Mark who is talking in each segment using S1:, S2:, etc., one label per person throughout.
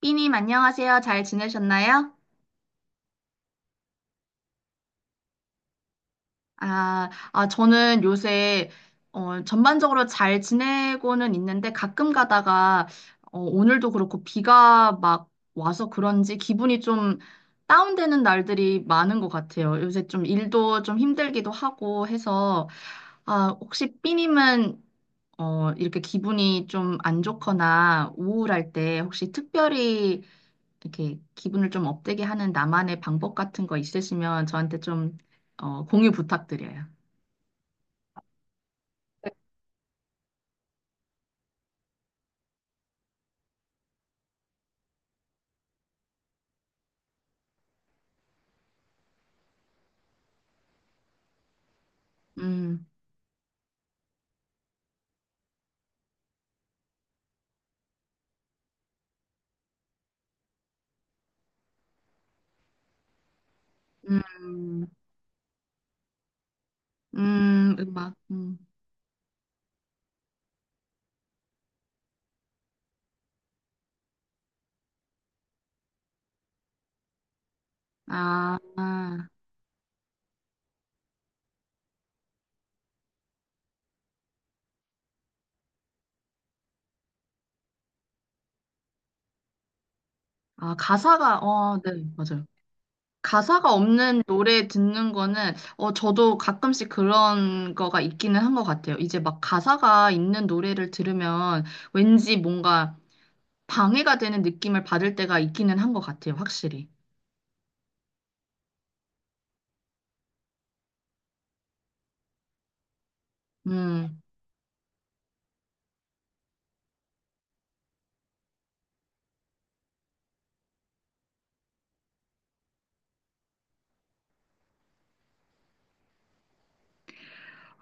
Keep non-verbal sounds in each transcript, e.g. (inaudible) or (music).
S1: 삐님, 안녕하세요. 잘 지내셨나요? 저는 요새, 전반적으로 잘 지내고는 있는데 가끔 가다가, 오늘도 그렇고 비가 막 와서 그런지 기분이 좀 다운되는 날들이 많은 것 같아요. 요새 좀 일도 좀 힘들기도 하고 해서, 아, 혹시 삐님은, 이렇게 기분이 좀 안 좋거나 우울할 때 혹시 특별히 이렇게 기분을 좀 업되게 하는 나만의 방법 같은 거 있으시면 저한테 좀 공유 부탁드려요. 음, 음. 음악, 아, 아, 아, 네, 맞아요. 가사가 없는 노래 듣는 거는, 저도 가끔씩 그런 거가 있기는 한 것 같아요. 이제 막 가사가 있는 노래를 들으면 왠지 뭔가 방해가 되는 느낌을 받을 때가 있기는 한 것 같아요, 확실히. 음.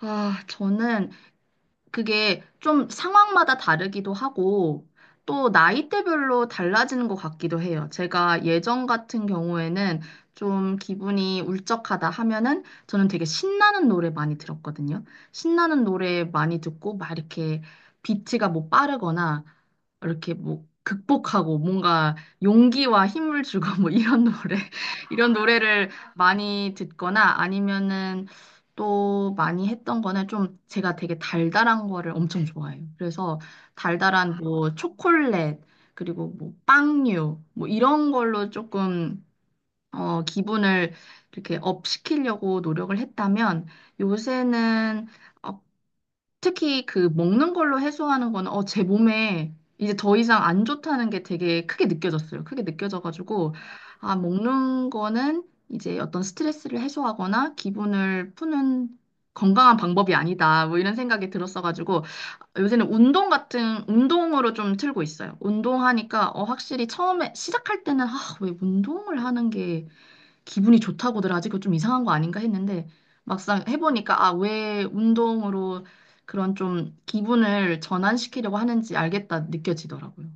S1: 아, 저는 그게 좀 상황마다 다르기도 하고 또 나이대별로 달라지는 것 같기도 해요. 제가 예전 같은 경우에는 좀 기분이 울적하다 하면은 저는 되게 신나는 노래 많이 들었거든요. 신나는 노래 많이 듣고 막 이렇게 비트가 뭐 빠르거나 이렇게 뭐 극복하고 뭔가 용기와 힘을 주고 뭐 이런 노래 (laughs) 이런 노래를 많이 듣거나 아니면은 또 많이 했던 거는 좀 제가 되게 달달한 거를 엄청 좋아해요. 그래서 달달한 뭐 초콜릿 그리고 뭐 빵류 뭐 이런 걸로 조금 기분을 이렇게 업 시키려고 노력을 했다면 요새는 어, 특히 그 먹는 걸로 해소하는 거는 제 몸에 이제 더 이상 안 좋다는 게 되게 크게 느껴졌어요. 크게 느껴져가지고 아, 먹는 거는 이제 어떤 스트레스를 해소하거나 기분을 푸는 건강한 방법이 아니다. 뭐 이런 생각이 들었어가지고 요새는 운동 같은 운동으로 좀 틀고 있어요. 운동하니까 확실히 처음에 시작할 때는 아, 왜 운동을 하는 게 기분이 좋다고들 아직 좀 이상한 거 아닌가 했는데 막상 해보니까 아, 왜 운동으로 그런 좀 기분을 전환시키려고 하는지 알겠다 느껴지더라고요.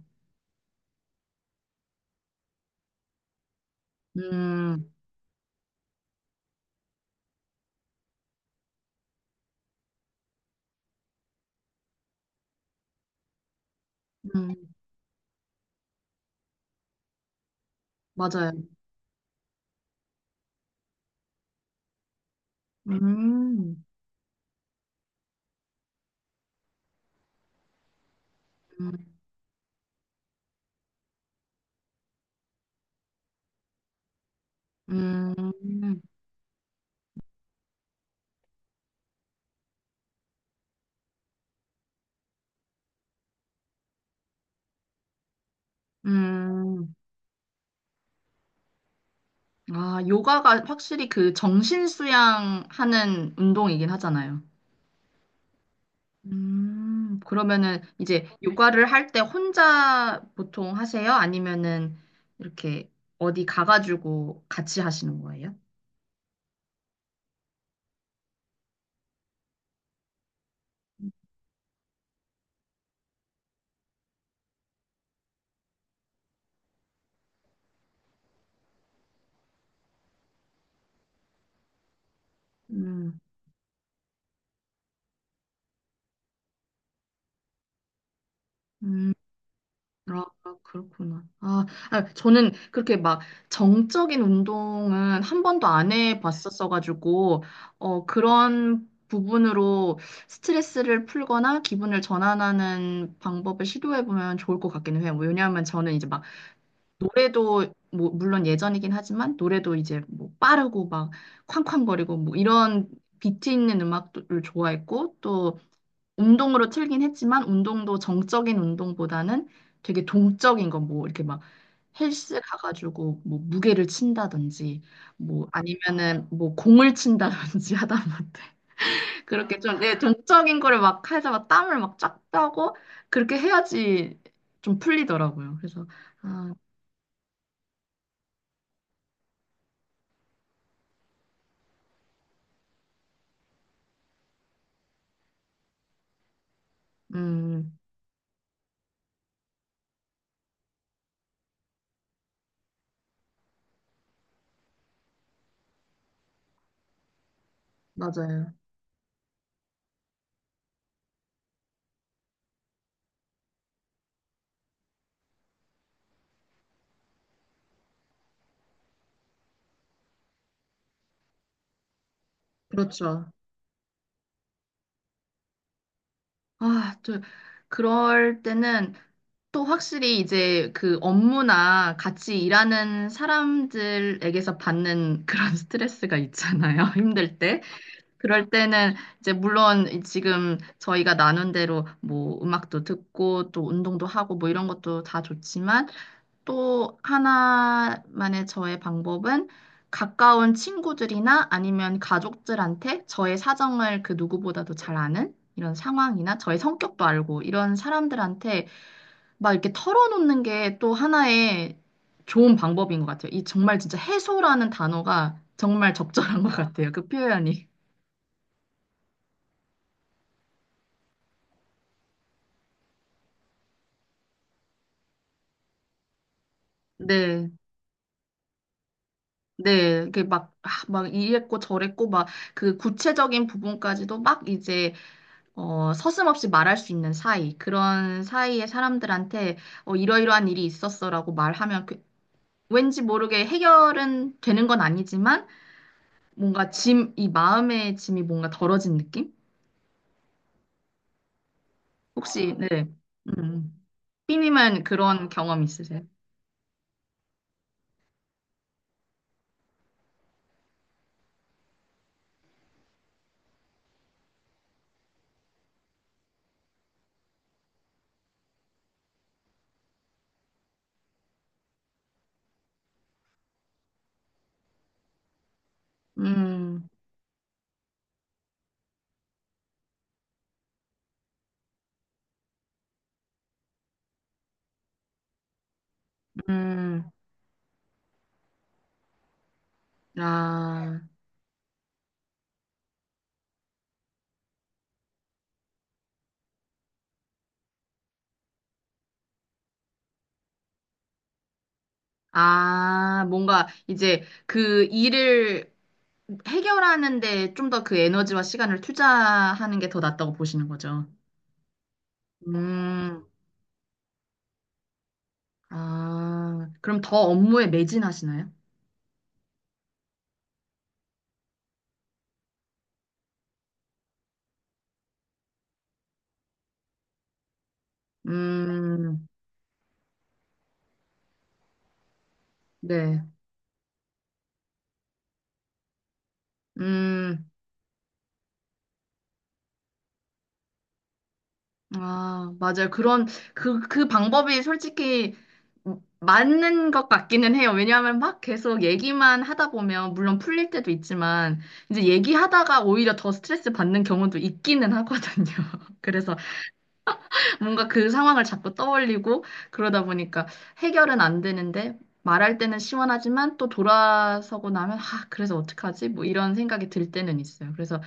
S1: 음, 음, 맞아요. 음, 음, 음, 음. 아, 요가가 확실히 그 정신 수양하는 운동이긴 하잖아요. 그러면은 이제 네. 요가를 할 때 혼자 보통 하세요? 아니면은 이렇게 어디 가가지고 같이 하시는 거예요? 음, 음, 아, 아, 그렇구나. 아, 아, 저는 그렇게 막 정적인 운동은 한 번도 안 해봤었어가지고, 그런 부분으로 스트레스를 풀거나 기분을 전환하는 방법을 시도해보면 좋을 것 같기는 해요. 왜냐하면 저는 이제 막 노래도 뭐 물론 예전이긴 하지만 노래도 이제 뭐 빠르고 막 쾅쾅거리고 뭐 이런 비트 있는 음악을 좋아했고 또 운동으로 틀긴 했지만 운동도 정적인 운동보다는 되게 동적인 거 뭐 이렇게 막 헬스 가가지고 뭐 무게를 친다든지 뭐 아니면은 뭐 공을 친다든지 (laughs) 하다못해 그렇게 좀 내 동적인 거를 막 해서 막 땀을 막 쫙 빼고 그렇게 해야지 좀 풀리더라고요. 그래서 아, 음. 맞아요. 그렇죠. 아, 저, 그럴 때는 또 확실히 이제 그 업무나 같이 일하는 사람들에게서 받는 그런 (laughs) 스트레스가 있잖아요. (laughs) 힘들 때. 그럴 때는 이제 물론 지금 저희가 나눈 대로 뭐 음악도 듣고 또 운동도 하고 뭐 이런 것도 다 좋지만 또 하나만의 저의 방법은 가까운 친구들이나 아니면 가족들한테 저의 사정을 그 누구보다도 잘 아는 이런 상황이나 저의 성격도 알고 이런 사람들한테 막 이렇게 털어놓는 게 또 하나의 좋은 방법인 것 같아요. 이 정말 진짜 해소라는 단어가 정말 적절한 것 같아요. 그 표현이. 네. 네, 이게 막, 아, 막 이랬고 저랬고 막 그 구체적인 부분까지도 막 이제 서슴없이 말할 수 있는 사이, 그런 사이의 사람들한테 이러이러한 일이 있었어라고 말하면 왠지 모르게 해결은 되는 건 아니지만 뭔가 짐, 이 마음의 짐이 뭔가 덜어진 느낌? 혹시, 네. 음. 삐님은 그런 경험 있으세요? 음, 음, 아, 아, 뭔가 이제 그 일을 해결하는데 좀 더 그 에너지와 시간을 투자하는 게 더 낫다고 보시는 거죠. 음. 아, 그럼 더 업무에 매진하시나요? 음, 네. 음, 아, 맞아요. 그 방법이 솔직히 맞는 것 같기는 해요. 왜냐하면 막 계속 얘기만 하다 보면, 물론 풀릴 때도 있지만, 이제 얘기하다가 오히려 더 스트레스 받는 경우도 있기는 하거든요. (laughs) 그래서 뭔가 그 상황을 자꾸 떠올리고 그러다 보니까 해결은 안 되는데 말할 때는 시원하지만 또 돌아서고 나면 아, 그래서 어떡하지? 뭐 이런 생각이 들 때는 있어요. 그래서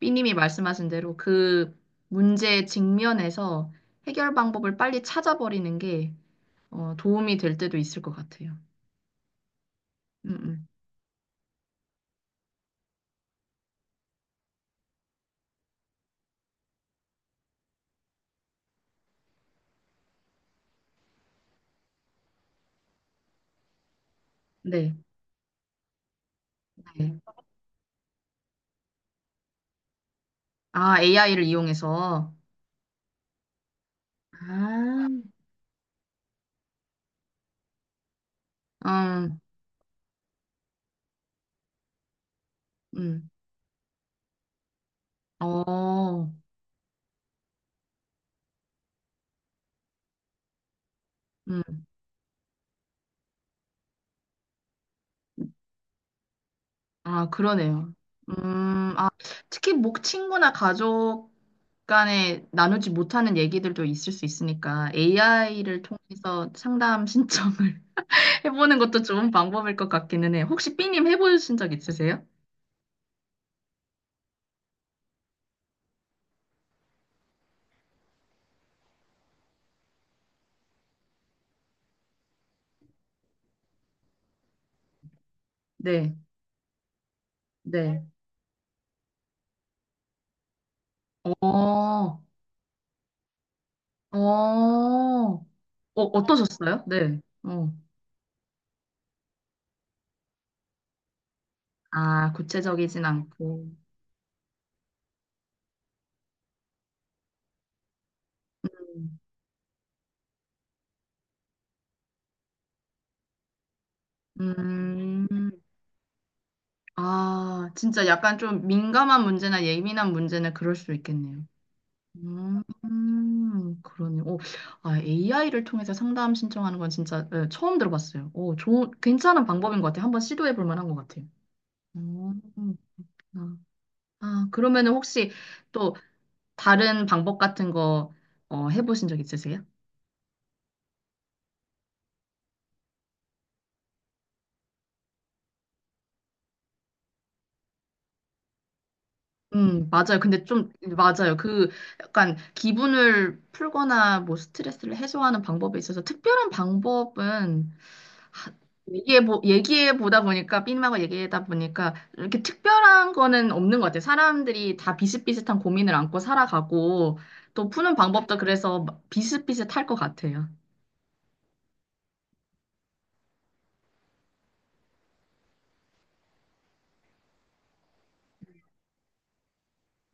S1: 삐님이 말씀하신 대로 그 문제의 직면에서 해결 방법을 빨리 찾아버리는 게 도움이 될 때도 있을 것 같아요. 음, 음. 네. 네. 아, AI를 이용해서. 아, 음, 음. 어, 음. 아, 그러네요. 아, 특히 목 친구나 가족 간에 나누지 못하는 얘기들도 있을 수 있으니까 AI를 통해서 상담 신청을 (laughs) 해보는 것도 좋은 방법일 것 같기는 해요. 혹시 B님 해보신 적 있으세요? 네, 네. 어, 어, 어, 어떠셨어요? 네. 어. 아, 구체적이진 않고. 음, 음. 아, 진짜 약간 좀 민감한 문제나 예민한 문제는 그럴 수 있겠네요. 그러네요. 오, 아, AI를 통해서 상담 신청하는 건 진짜 예, 처음 들어봤어요. 오, 좋은, 괜찮은 방법인 것 같아요. 한번 시도해 볼 만한 것 같아요. 음, 아, 아, 그러면은 혹시 또 다른 방법 같은 거 해보신 적 있으세요? 맞아요. 근데 좀, 맞아요. 그 약간 기분을 풀거나 뭐 스트레스를 해소하는 방법에 있어서 특별한 방법은 얘기해 보다 보니까, 삐님하고 얘기하다 보니까, 이렇게 특별한 거는 없는 것 같아요. 사람들이 다 비슷비슷한 고민을 안고 살아가고, 또 푸는 방법도 그래서 비슷비슷할 것 같아요.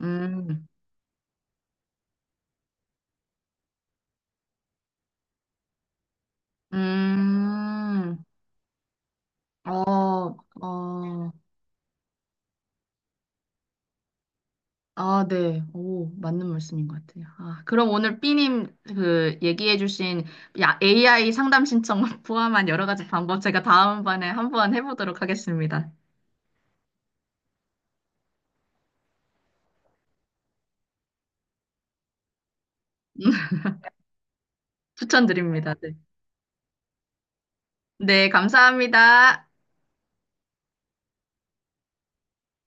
S1: 음, 음, 어, 어, 아, 네. 오, 맞는 말씀인 것 같아요. 아, 그럼 오늘 삐님 그 얘기해 주신 AI 상담 신청 (laughs) 포함한 여러 가지 방법 제가 다음번에 한번 해보도록 하겠습니다. (laughs) 추천드립니다. 네. 네, 감사합니다.